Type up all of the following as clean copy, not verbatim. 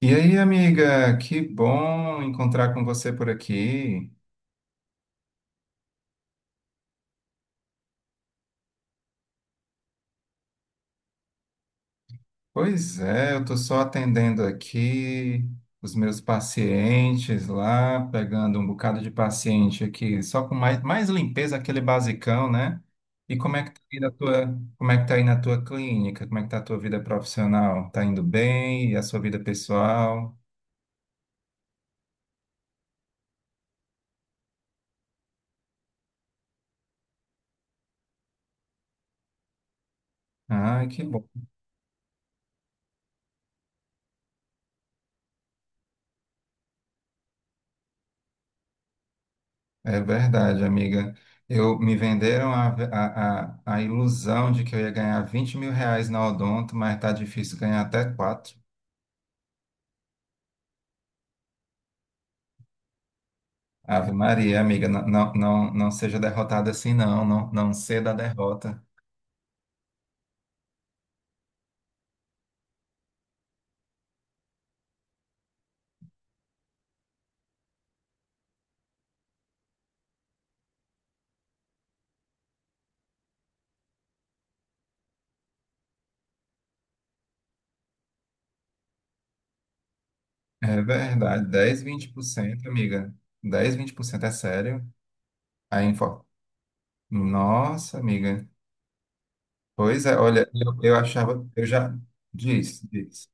E aí, amiga, que bom encontrar com você por aqui. Pois é, eu estou só atendendo aqui os meus pacientes lá, pegando um bocado de paciente aqui, só com mais limpeza, aquele basicão, né? E como é que tá aí na tua clínica? Como é que tá a tua vida profissional? Tá indo bem? E a sua vida pessoal? Ai, que É verdade, amiga. Eu me venderam a ilusão de que eu ia ganhar 20 mil reais na Odonto, mas tá difícil ganhar até quatro. Ave Maria, amiga, não, não, não, não seja derrotada assim, não, não, não ceda a derrota. É verdade, 10%, 20%, amiga. 10%, 20% é sério. A info... Nossa, amiga. Pois é, olha, eu achava, eu já diz, diz.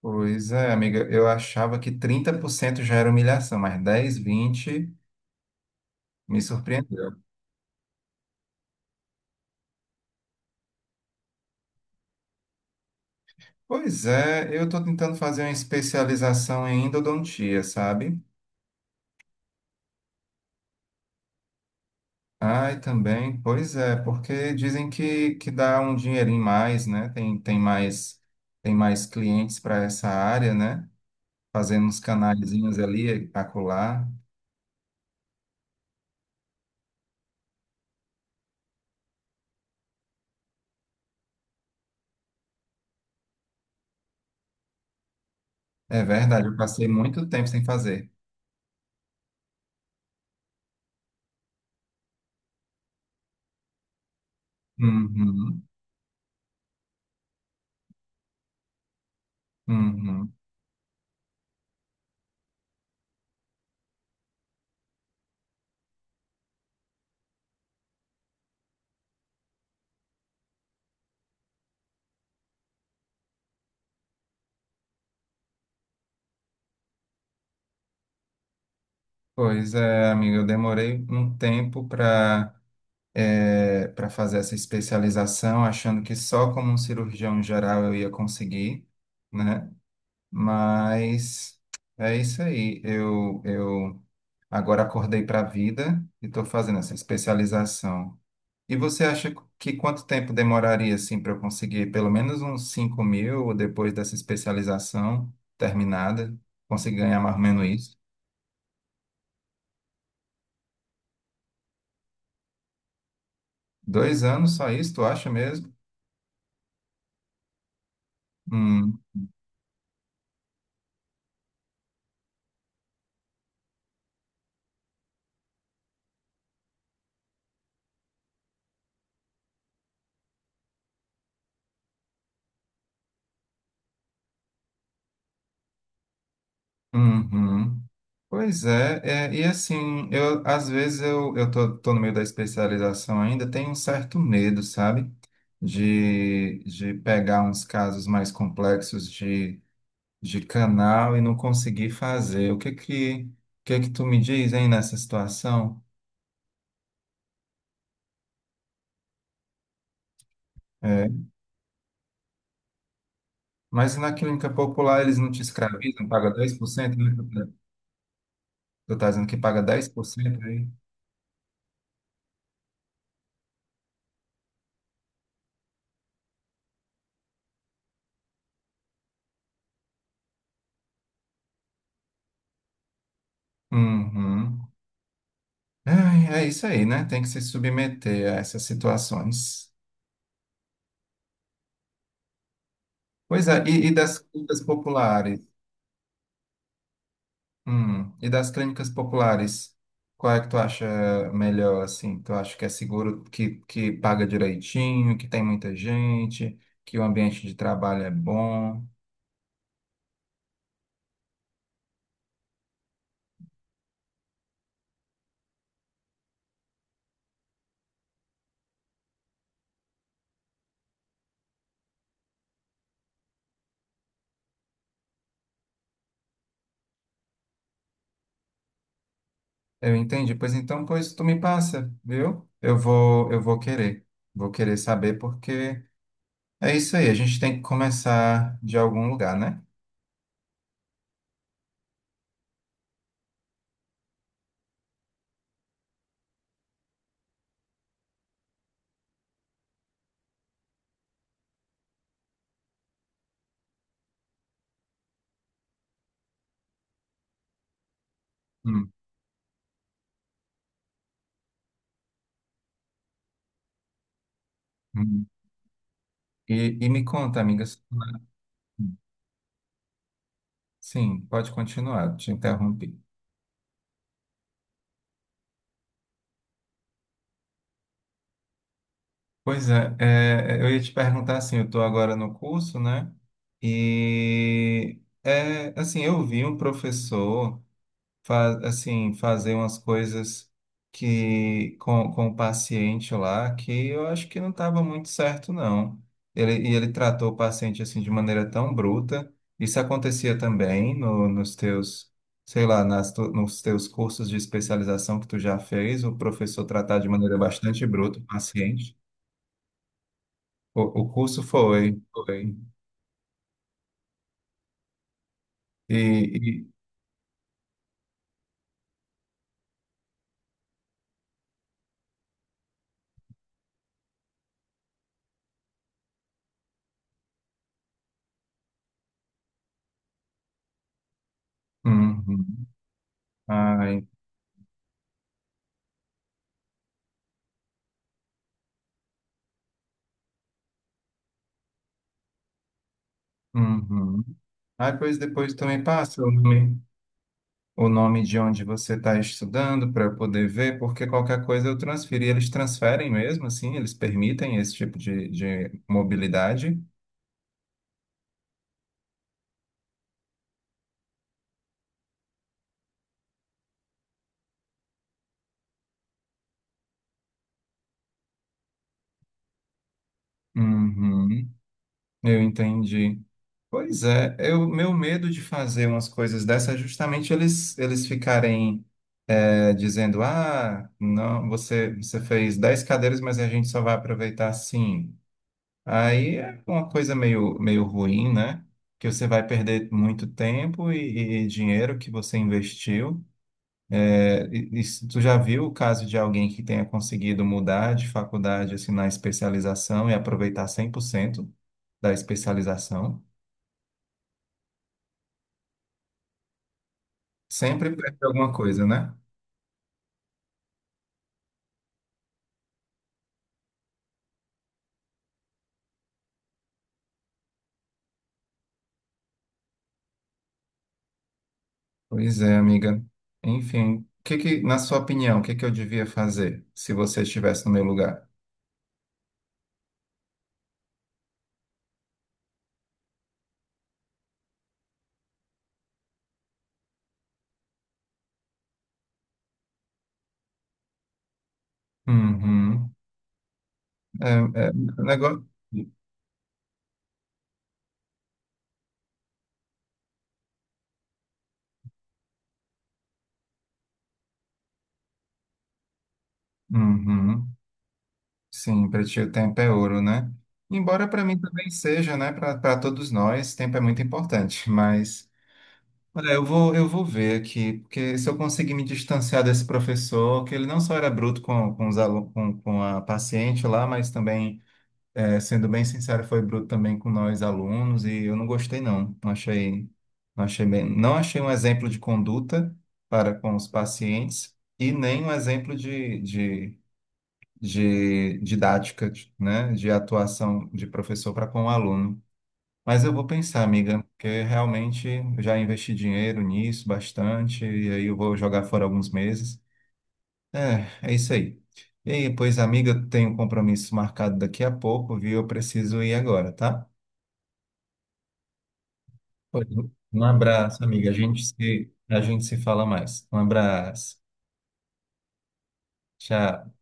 Pois é, amiga, eu achava que 30% já era humilhação, mas 10, 20 me surpreendeu. Pois é, eu estou tentando fazer uma especialização em endodontia, sabe? Ai, também, pois é, porque dizem que dá um dinheirinho mais, né? Tem mais clientes para essa área, né? Fazendo uns canaizinhos ali, acolá. É verdade, eu passei muito tempo sem fazer. Uhum, uhum. Pois é, amiga, eu demorei um tempo para fazer essa especialização, achando que só como um cirurgião geral eu ia conseguir, né? Mas é isso aí. Eu agora acordei para a vida e estou fazendo essa especialização. E você acha que quanto tempo demoraria assim para eu conseguir pelo menos uns 5 mil depois dessa especialização terminada? Conseguir ganhar mais ou menos isso? 2 anos só isso, tu acha mesmo? Hum. Uhum. Pois é, e assim, eu às vezes eu tô, tô no meio da especialização ainda, tenho um certo medo, sabe? De pegar uns casos mais complexos de canal e não conseguir fazer. O que que tu me diz, hein, nessa situação? É, mas na clínica popular eles não te escravizam, paga 10%, né? Tu tá dizendo que paga dez por cento aí? Uhum. Ai, é isso aí, né? Tem que se submeter a essas situações. Pois é, e das clínicas populares? E das clínicas populares, qual é que tu acha melhor, assim? Tu acha que é seguro, que paga direitinho, que tem muita gente, que o ambiente de trabalho é bom? Eu entendi. Pois então, pois tu me passa, viu? Eu vou querer. Vou querer saber porque é isso aí, a gente tem que começar de algum lugar, né? Hum, hum. E me conta, amigas. Sim, pode continuar, te interrompi. Pois é, eu ia te perguntar assim, eu estou agora no curso, né? E é assim, eu vi um professor. Assim, fazer umas coisas que com o paciente lá que eu acho que não estava muito certo, não. Ele tratou o paciente assim de maneira tão bruta. Isso acontecia também no, nos teus, sei lá, nos teus cursos de especialização que tu já fez, o professor tratar de maneira bastante bruta o paciente. O curso foi, foi. E, e- uhum. Ai, uhum. Ai, pois depois também passa o nome. O nome de onde você está estudando para eu poder ver, porque qualquer coisa eu transferi. Eles transferem mesmo, assim, eles permitem esse tipo de mobilidade. Uhum, eu entendi. Pois é, meu medo de fazer umas coisas dessas é justamente eles ficarem dizendo, ah, não, você fez 10 cadeiras, mas a gente só vai aproveitar 5. Aí é uma coisa meio ruim, né? Que você vai perder muito tempo e dinheiro que você investiu. É, e se tu já viu o caso de alguém que tenha conseguido mudar de faculdade, assim, na especialização e aproveitar 100% da especialização? Sempre perde alguma coisa, né? Pois é, amiga. Enfim, na sua opinião, o que que eu devia fazer se você estivesse no meu lugar? Uhum. É, é, negócio... Uhum. Sim, para ti o tempo é ouro, né? Embora para mim também seja, né? Para todos nós, tempo é muito importante. Mas, olha, eu vou ver aqui, porque se eu conseguir me distanciar desse professor, que ele não só era bruto com os alunos, com a paciente lá, mas também, sendo bem sincero, foi bruto também com nós alunos, e eu não gostei, não. Não achei, não achei bem, não achei um exemplo de conduta para com os pacientes e nem um exemplo de didática, né, de atuação de professor para com o aluno. Mas eu vou pensar, amiga, porque realmente eu já investi dinheiro nisso bastante, e aí eu vou jogar fora alguns meses. É, é isso aí. E aí, pois, amiga, eu tenho um compromisso marcado daqui a pouco, viu? Eu preciso ir agora, tá? Pois, um abraço, amiga. A gente se fala mais. Um abraço. Tchau.